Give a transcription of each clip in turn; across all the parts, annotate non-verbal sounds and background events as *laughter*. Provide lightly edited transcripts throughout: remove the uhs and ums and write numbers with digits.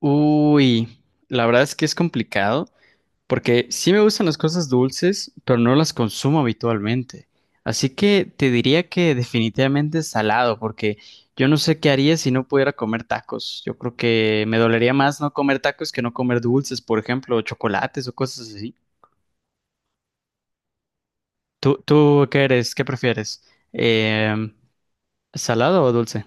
Uy, la verdad es que es complicado porque sí me gustan las cosas dulces, pero no las consumo habitualmente. Así que te diría que definitivamente salado, porque yo no sé qué haría si no pudiera comer tacos. Yo creo que me dolería más no comer tacos que no comer dulces, por ejemplo, chocolates o cosas así. ¿¿Tú qué eres? ¿Qué prefieres? Em, ¿Salado o dulce?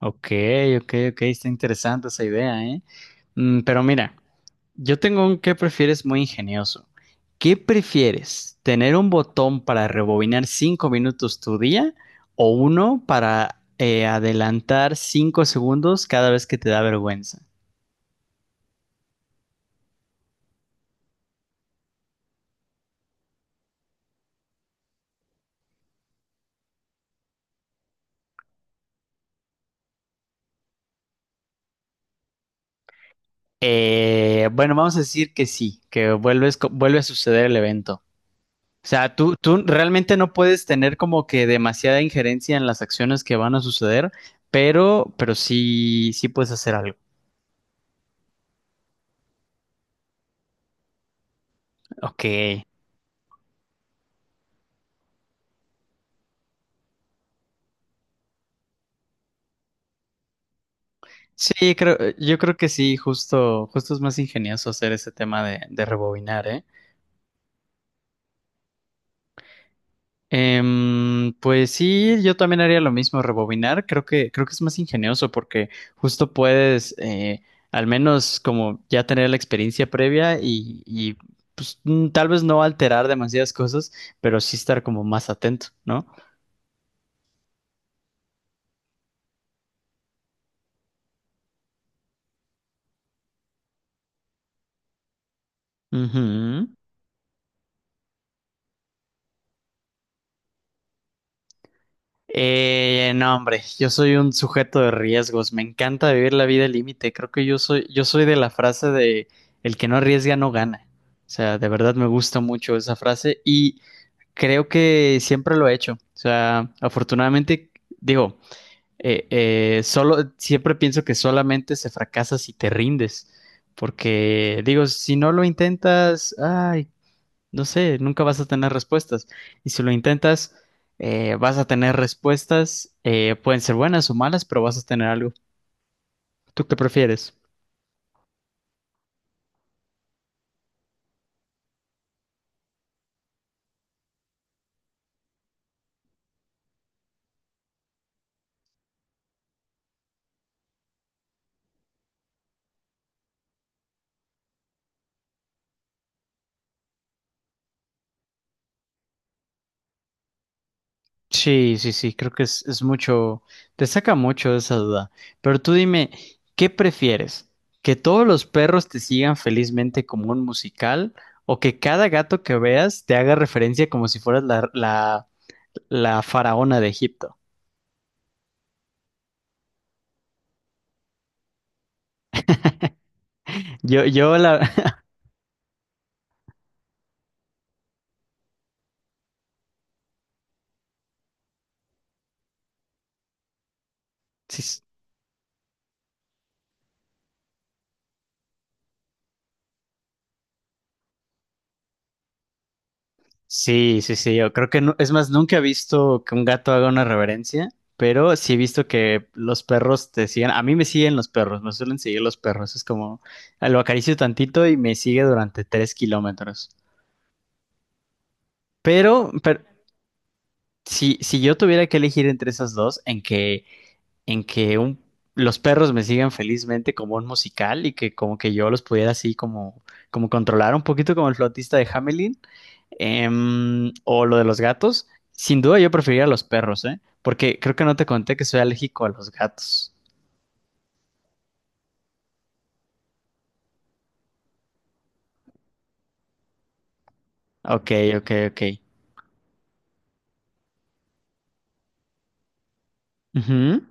Ok, ok, ok, está interesante esa idea, ¿eh? Mm, pero mira, yo tengo un qué prefieres muy ingenioso. ¿Qué prefieres? ¿Tener un botón para rebobinar 5 minutos tu día o uno para adelantar 5 segundos cada vez que te da vergüenza? Bueno, vamos a decir que sí, que vuelves, vuelve a suceder el evento. O sea, tú realmente no puedes tener como que demasiada injerencia en las acciones que van a suceder, pero sí, sí puedes hacer algo. Ok. Sí, creo, yo creo que sí, justo, justo es más ingenioso hacer ese tema de rebobinar, ¿eh? Pues sí, yo también haría lo mismo, rebobinar. Creo que es más ingenioso porque justo puedes, al menos como ya tener la experiencia previa y, pues tal vez no alterar demasiadas cosas, pero sí estar como más atento, ¿no? Ujú. No, hombre, yo soy un sujeto de riesgos. Me encanta vivir la vida al límite. Creo que yo soy de la frase de el que no arriesga no gana. O sea, de verdad me gusta mucho esa frase. Y creo que siempre lo he hecho. O sea, afortunadamente, digo, solo, siempre pienso que solamente se fracasa si te rindes. Porque, digo, si no lo intentas, ay, no sé, nunca vas a tener respuestas. Y si lo intentas, vas a tener respuestas, pueden ser buenas o malas, pero vas a tener algo. ¿Tú qué prefieres? Sí, sí, sí, creo que es mucho, te saca mucho de esa duda. Pero tú dime, ¿qué prefieres? ¿Que todos los perros te sigan felizmente como un musical o que cada gato que veas te haga referencia como si fueras la, la, la faraona de Egipto? Yo la... *laughs* Sí, sí, sí, sí, yo creo que no, es más, nunca he visto que un gato haga una reverencia, pero sí he visto que los perros te siguen, a mí me siguen los perros, me suelen seguir los perros, es como, ah, lo acaricio tantito y me sigue durante 3 kilómetros. Pero si, si yo tuviera que elegir entre esas dos, en que un, los perros me sigan felizmente como un musical y que como que yo los pudiera así como, como controlar un poquito como el flautista de Hamelin, o lo de los gatos. Sin duda yo preferiría los perros, ¿eh? Porque creo que no te conté que soy alérgico a los gatos. Ok, ok, ok. Ujú.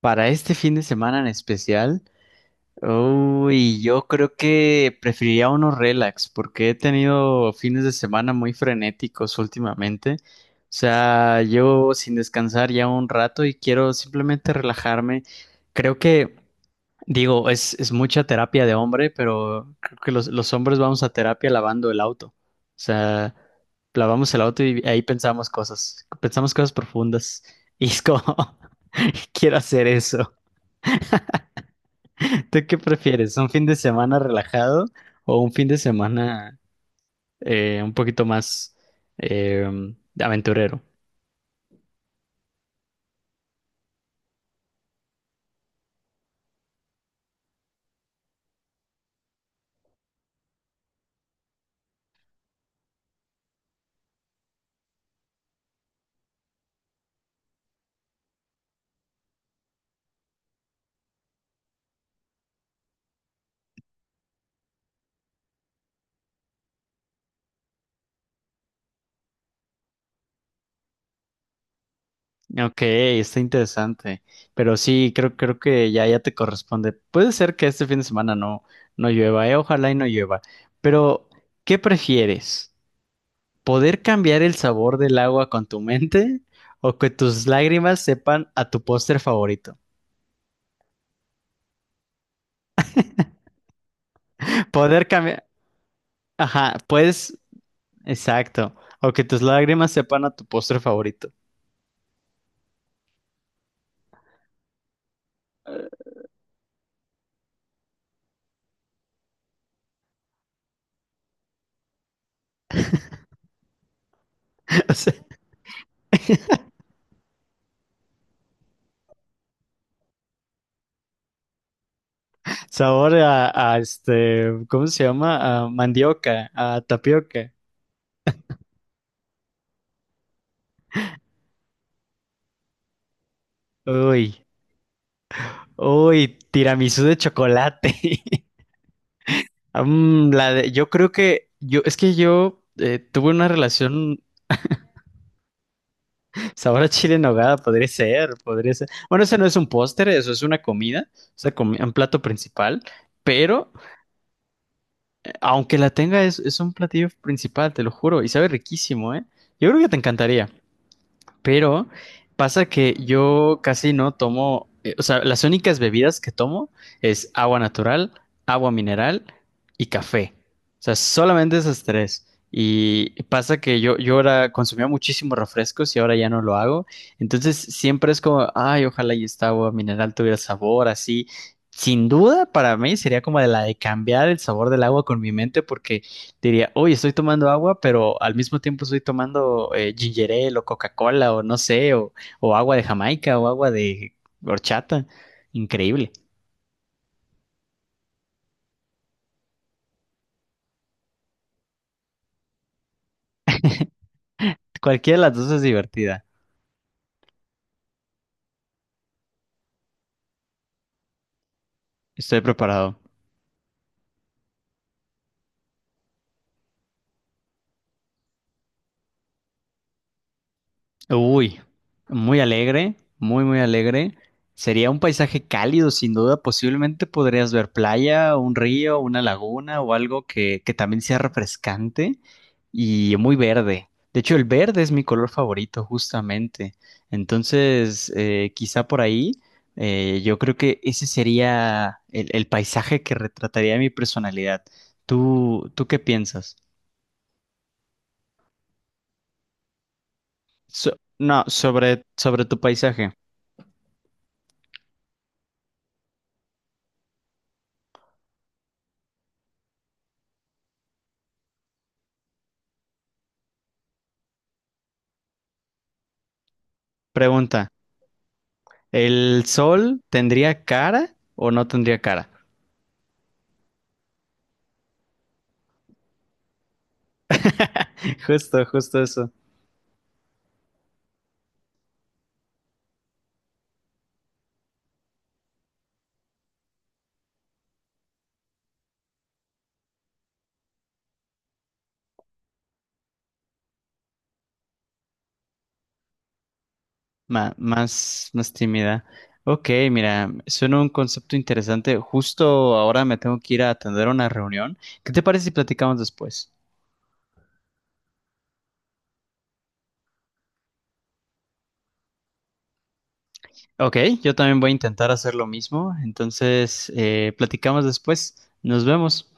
Para este fin de semana en especial, uy, yo creo que preferiría uno relax, porque he tenido fines de semana muy frenéticos últimamente. O sea, yo sin descansar ya un rato y quiero simplemente relajarme. Creo que digo, es mucha terapia de hombre, pero creo que los hombres vamos a terapia lavando el auto. O sea, lavamos el auto y ahí pensamos cosas profundas. *laughs* Y es como, *laughs* quiero hacer eso. *laughs* ¿Tú qué prefieres? ¿Un fin de semana relajado o un fin de semana un poquito más eh, aventurero? Ok, está interesante. Pero sí, creo, creo que ya, ya te corresponde. Puede ser que este fin de semana no, no llueva, ojalá y no llueva. Pero, ¿qué prefieres? ¿Poder cambiar el sabor del agua con tu mente *laughs* o que tus lágrimas sepan a tu póster favorito? Poder cambiar. Ajá, pues, exacto. O que tus lágrimas sepan a tu postre favorito. *laughs* O sea, sabor a este, ¿cómo se llama? A mandioca, a tapioca. Uy. Uy, tiramisú de chocolate. *laughs* Mm, yo creo que yo, es que yo tuve una relación sabor a chile en nogada, podría ser, podría ser. Bueno, ese no es un póster, eso es una comida, es una un plato principal, pero aunque la tenga, es un platillo principal, te lo juro, y sabe riquísimo, ¿eh? Yo creo que te encantaría. Pero pasa que yo casi no tomo, o sea, las únicas bebidas que tomo es agua natural, agua mineral y café. O sea, solamente esas tres. Y pasa que yo ahora consumía muchísimos refrescos y ahora ya no lo hago. Entonces siempre es como, ay, ojalá y esta agua mineral tuviera sabor así. Sin duda, para mí sería como de la de cambiar el sabor del agua con mi mente, porque diría, oye, estoy tomando agua, pero al mismo tiempo estoy tomando ginger ale o Coca-Cola o no sé, o agua de Jamaica o agua de horchata. Increíble. Cualquiera de las dos es divertida. Estoy preparado. Uy, muy alegre, muy, muy alegre. Sería un paisaje cálido, sin duda. Posiblemente podrías ver playa, un río, una laguna o algo que también sea refrescante y muy verde. De hecho, el verde es mi color favorito, justamente. Entonces, quizá por ahí, yo creo que ese sería el paisaje que retrataría mi personalidad. ¿¿Tú qué piensas? So- no, sobre, sobre tu paisaje. Pregunta. ¿El sol tendría cara o no tendría cara? *laughs* Justo, justo eso. Más, más tímida. Ok, mira, suena un concepto interesante. Justo ahora me tengo que ir a atender una reunión. ¿Qué te parece si platicamos después? Ok, yo también voy a intentar hacer lo mismo. Entonces, platicamos después. Nos vemos.